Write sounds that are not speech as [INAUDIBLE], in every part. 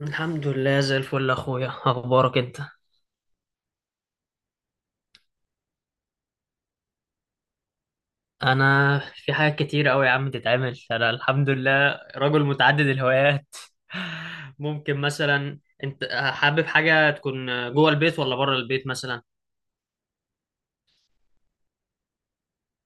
الحمد لله زي الفل يا اخويا اخبارك انت. انا في حاجات كتير قوي يا عم تتعمل، انا الحمد لله رجل متعدد الهوايات. [LAUGHS] ممكن مثلا انت حابب حاجه تكون جوه البيت ولا بره البيت مثلا؟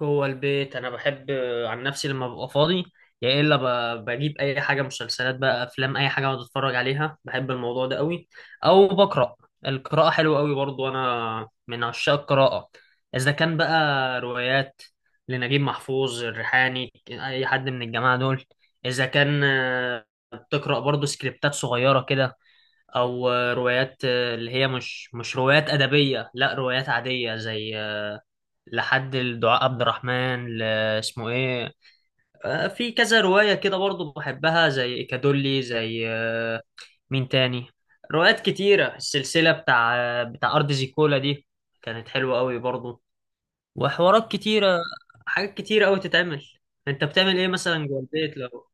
جوه البيت انا بحب، عن نفسي لما ببقى فاضي يا الا بجيب اي حاجه، مسلسلات بقى، افلام، اي حاجه اقعد اتفرج عليها، بحب الموضوع ده قوي، او بقرا. القراءه حلوه قوي برضو، انا من عشاق القراءه. اذا كان بقى روايات لنجيب محفوظ، الريحاني، اي حد من الجماعه دول. اذا كان بتقرا برضو سكريبتات صغيره كده، او روايات، اللي هي مش روايات ادبيه، لا روايات عاديه زي لحد الدعاء عبد الرحمن اسمه ايه، في كذا رواية كده برضو بحبها، زي كادولي، زي مين تاني، روايات كتيرة. السلسلة بتاع بتاع أرض زيكولا دي كانت حلوة قوي برضو. وحوارات كتيرة، حاجات كتيرة قوي تتعمل. انت بتعمل ايه مثلا جوه البيت لو؟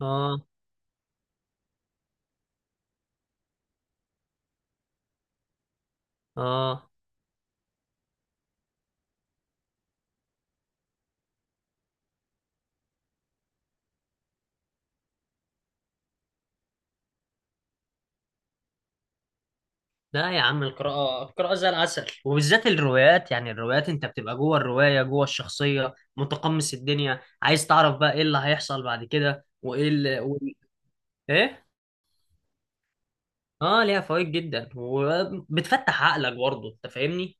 اه. اه لا يا عم، القراءة القراءة زي العسل، وبالذات الروايات، يعني الروايات انت بتبقى جوه الرواية، جوه الشخصية، متقمص الدنيا، عايز تعرف بقى ايه اللي هيحصل بعد كده، وايه ايه؟ اه ليها فوائد جدا، وبتفتح عقلك برضه، انت فاهمني.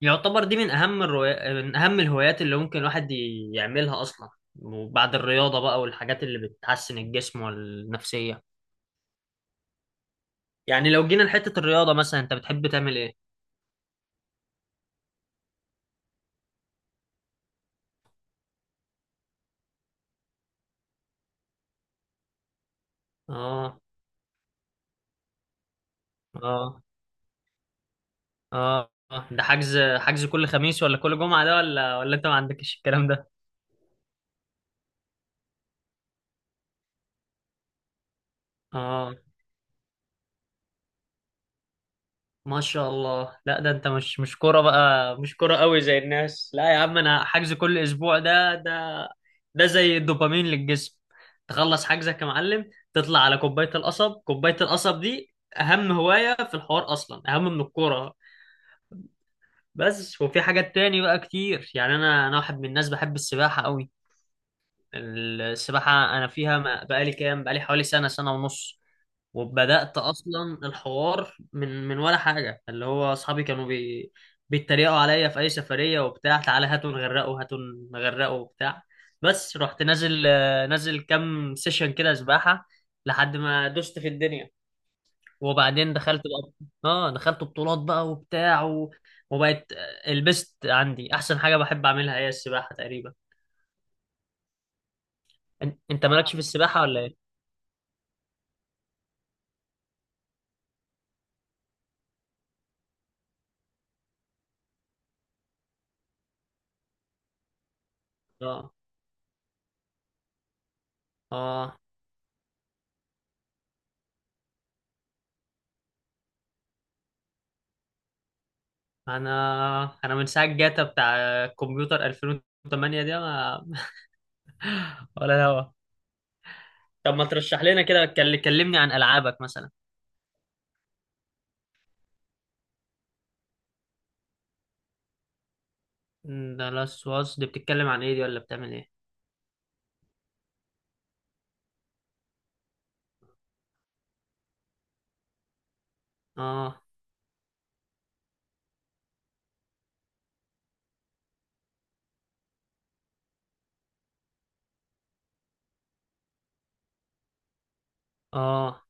يعتبر دي من اهم الروايات، من اهم الهوايات اللي ممكن الواحد يعملها اصلا. وبعد الرياضة بقى والحاجات اللي بتحسن الجسم والنفسية. يعني لو جينا لحتة الرياضة مثلا، انت بتحب تعمل ايه؟ اه. اه. اه. آه. ده حجز حجز كل خميس ولا كل جمعة ده، ولا انت ما عندكش الكلام ده؟ اه ما شاء الله، لا ده انت مش كورة بقى، مش كورة قوي زي الناس. لا يا عم، انا حجز كل اسبوع، ده ده ده زي الدوبامين للجسم. تخلص حجزك يا معلم، تطلع على كوباية القصب. كوباية القصب دي اهم هواية في الحوار، اصلا اهم من الكورة. بس وفي حاجات تاني بقى كتير، يعني انا واحد من الناس بحب السباحة قوي. السباحة أنا فيها بقالي حوالي سنة سنة ونص، وبدأت أصلا الحوار من ولا حاجة، اللي هو أصحابي كانوا بيتريقوا عليا في أي سفرية وبتاع، تعالى هاتوا نغرقوا، هاتوا نغرقوا وبتاع. بس رحت نازل، نازل كام سيشن كده سباحة، لحد ما دوست في الدنيا، وبعدين دخلت بقى، اه دخلت بطولات بقى وبتاع وبقت البست عندي أحسن حاجة بحب أعملها هي السباحة تقريبا. انت مالكش في السباحة ولا ايه؟ اه. اه. انا انا من ساعه جاتا بتاع كمبيوتر 2008 دي ما... [LAUGHS] ولا هوا. طب ما ترشح لنا كده، كلمني عن العابك مثلا. ده لاست واس دي بتتكلم عن ايه، دي ولا بتعمل ايه؟ اه. اه.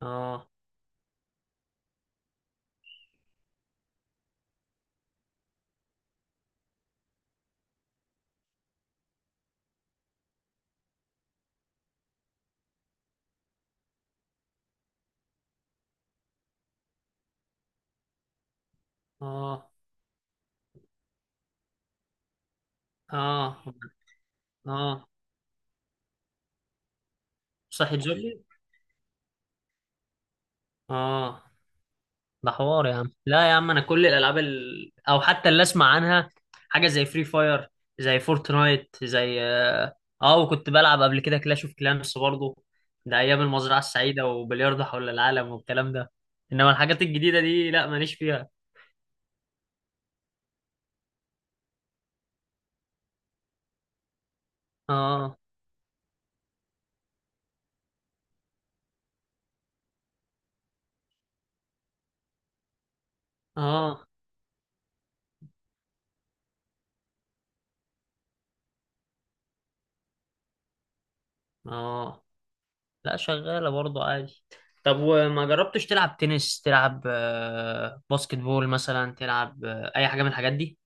اه. اه. اه. اه. صحيح جولي. اه. ده حوار يا عم. لا يا عم، انا كل الالعاب او حتى اللي اسمع عنها، حاجه زي فري فاير، زي فورتنايت، زي، اه، وكنت بلعب قبل كده كلاش اوف كلانس برضه، ده ايام المزرعه السعيده وبلياردو حول العالم والكلام ده. انما الحاجات الجديده دي لا، ماليش فيها. اه. اه. اه. لا شغاله برضه عادي. طب وما جربتش تلعب تنس، تلعب باسكت بول مثلا، تلعب اي حاجه من الحاجات دي؟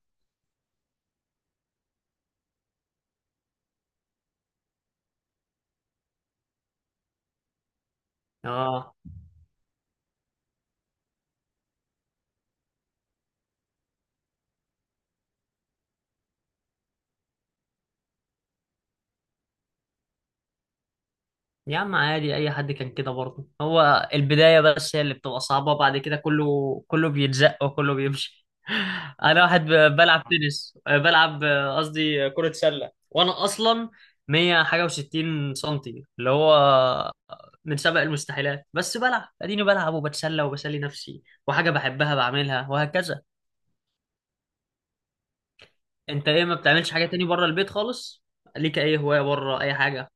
اه يا عم عادي، اي حد كان كده برضه، هو البدايه بس هي اللي بتبقى صعبه، بعد كده كله كله بيتزق وكله بيمشي. [LAUGHS] انا واحد بلعب تنس، بلعب قصدي كره سله، وانا اصلا 100 حاجه و60 سنتي، اللي هو من سبق المستحيلات، بس بلعب، اديني بلعب وبتسلى وبسلي نفسي، وحاجه بحبها بعملها، وهكذا. انت ايه، ما بتعملش حاجه تاني بره البيت خالص؟ ليك اي هوايه بره، اي حاجه؟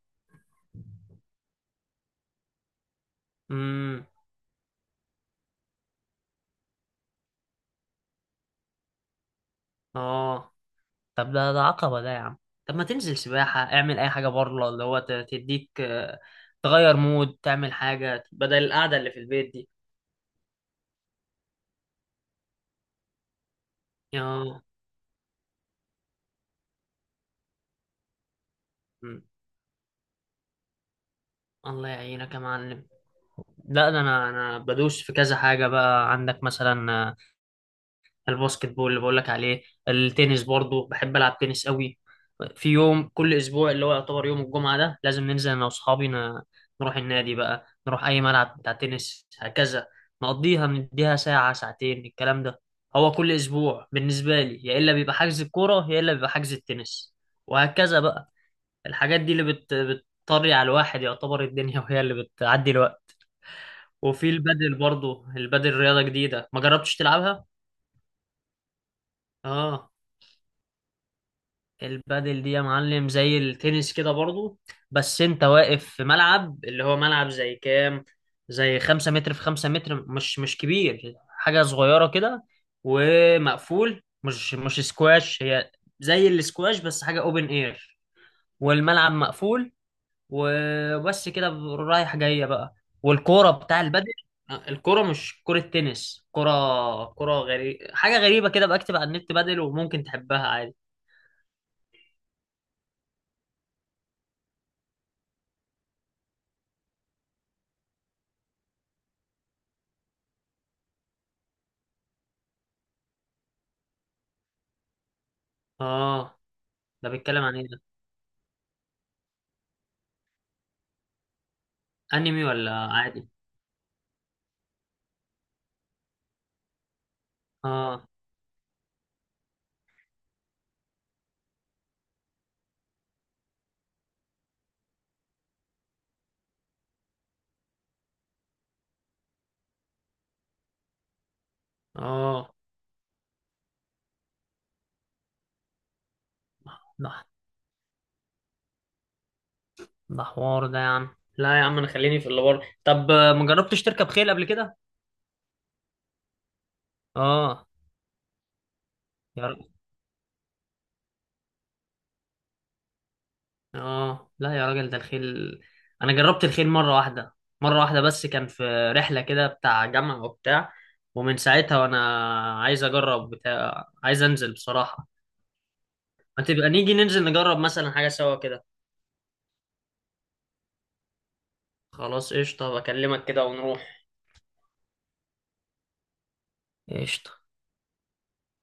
امم. اه طب ده ده عقبة ده يا عم. طب ما تنزل سباحة، اعمل أي حاجة بره اللي هو تديك، تغير مود، تعمل حاجة بدل القعدة اللي في البيت دي. يا مم. الله يعينك يا معلم. لا ده أنا بدوس في كذا حاجة بقى عندك مثلا، الباسكت بول اللي بقولك عليه، التنس برضو بحب ألعب تنس قوي. في يوم كل أسبوع اللي هو يعتبر يوم الجمعة، ده لازم ننزل أنا وأصحابي نروح النادي بقى، نروح أي ملعب بتاع تنس، هكذا نقضيها، نديها ساعة ساعتين الكلام ده. هو كل أسبوع بالنسبة لي يا إلا بيبقى حجز الكورة، يا إلا بيبقى حجز التنس، وهكذا بقى. الحاجات دي اللي بتطري على الواحد، يعتبر الدنيا، وهي اللي بتعدي الوقت. وفي البادل برضو، البادل رياضة جديدة، ما جربتش تلعبها؟ اه. البادل دي يا معلم زي التنس كده برضو، بس انت واقف في ملعب اللي هو ملعب زي كام، زي 5 متر في 5 متر، مش مش كبير، حاجة صغيرة كده، ومقفول، مش مش سكواش هي، زي السكواش بس حاجة اوبن اير، والملعب مقفول. وبس كده، رايح جاية بقى، والكورة بتاع البادل، الكرة مش كرة تنس، كرة كرة غريبة، حاجة غريبة كده. بكتب على النت بادل، وممكن تحبها عادي. اه. ده بيتكلم عن ايه ده، انمي ولا عادي؟ اه. اه. ده ده حوار ده يا عم. لا يا عم، انا خليني في اللي بره. طب ما جربتش تركب خيل قبل كده؟ اه. يا ر... اه لا يا راجل، ده الخيل انا جربت الخيل مره واحده، مره واحده بس، كان في رحله كده بتاع جامعه وبتاع، ومن ساعتها وانا عايز اجرب بتاع، عايز انزل بصراحه. ما تبقى نيجي ننزل نجرب مثلا حاجه سوا كده. خلاص قشطه، بكلمك كده ونروح. قشطه.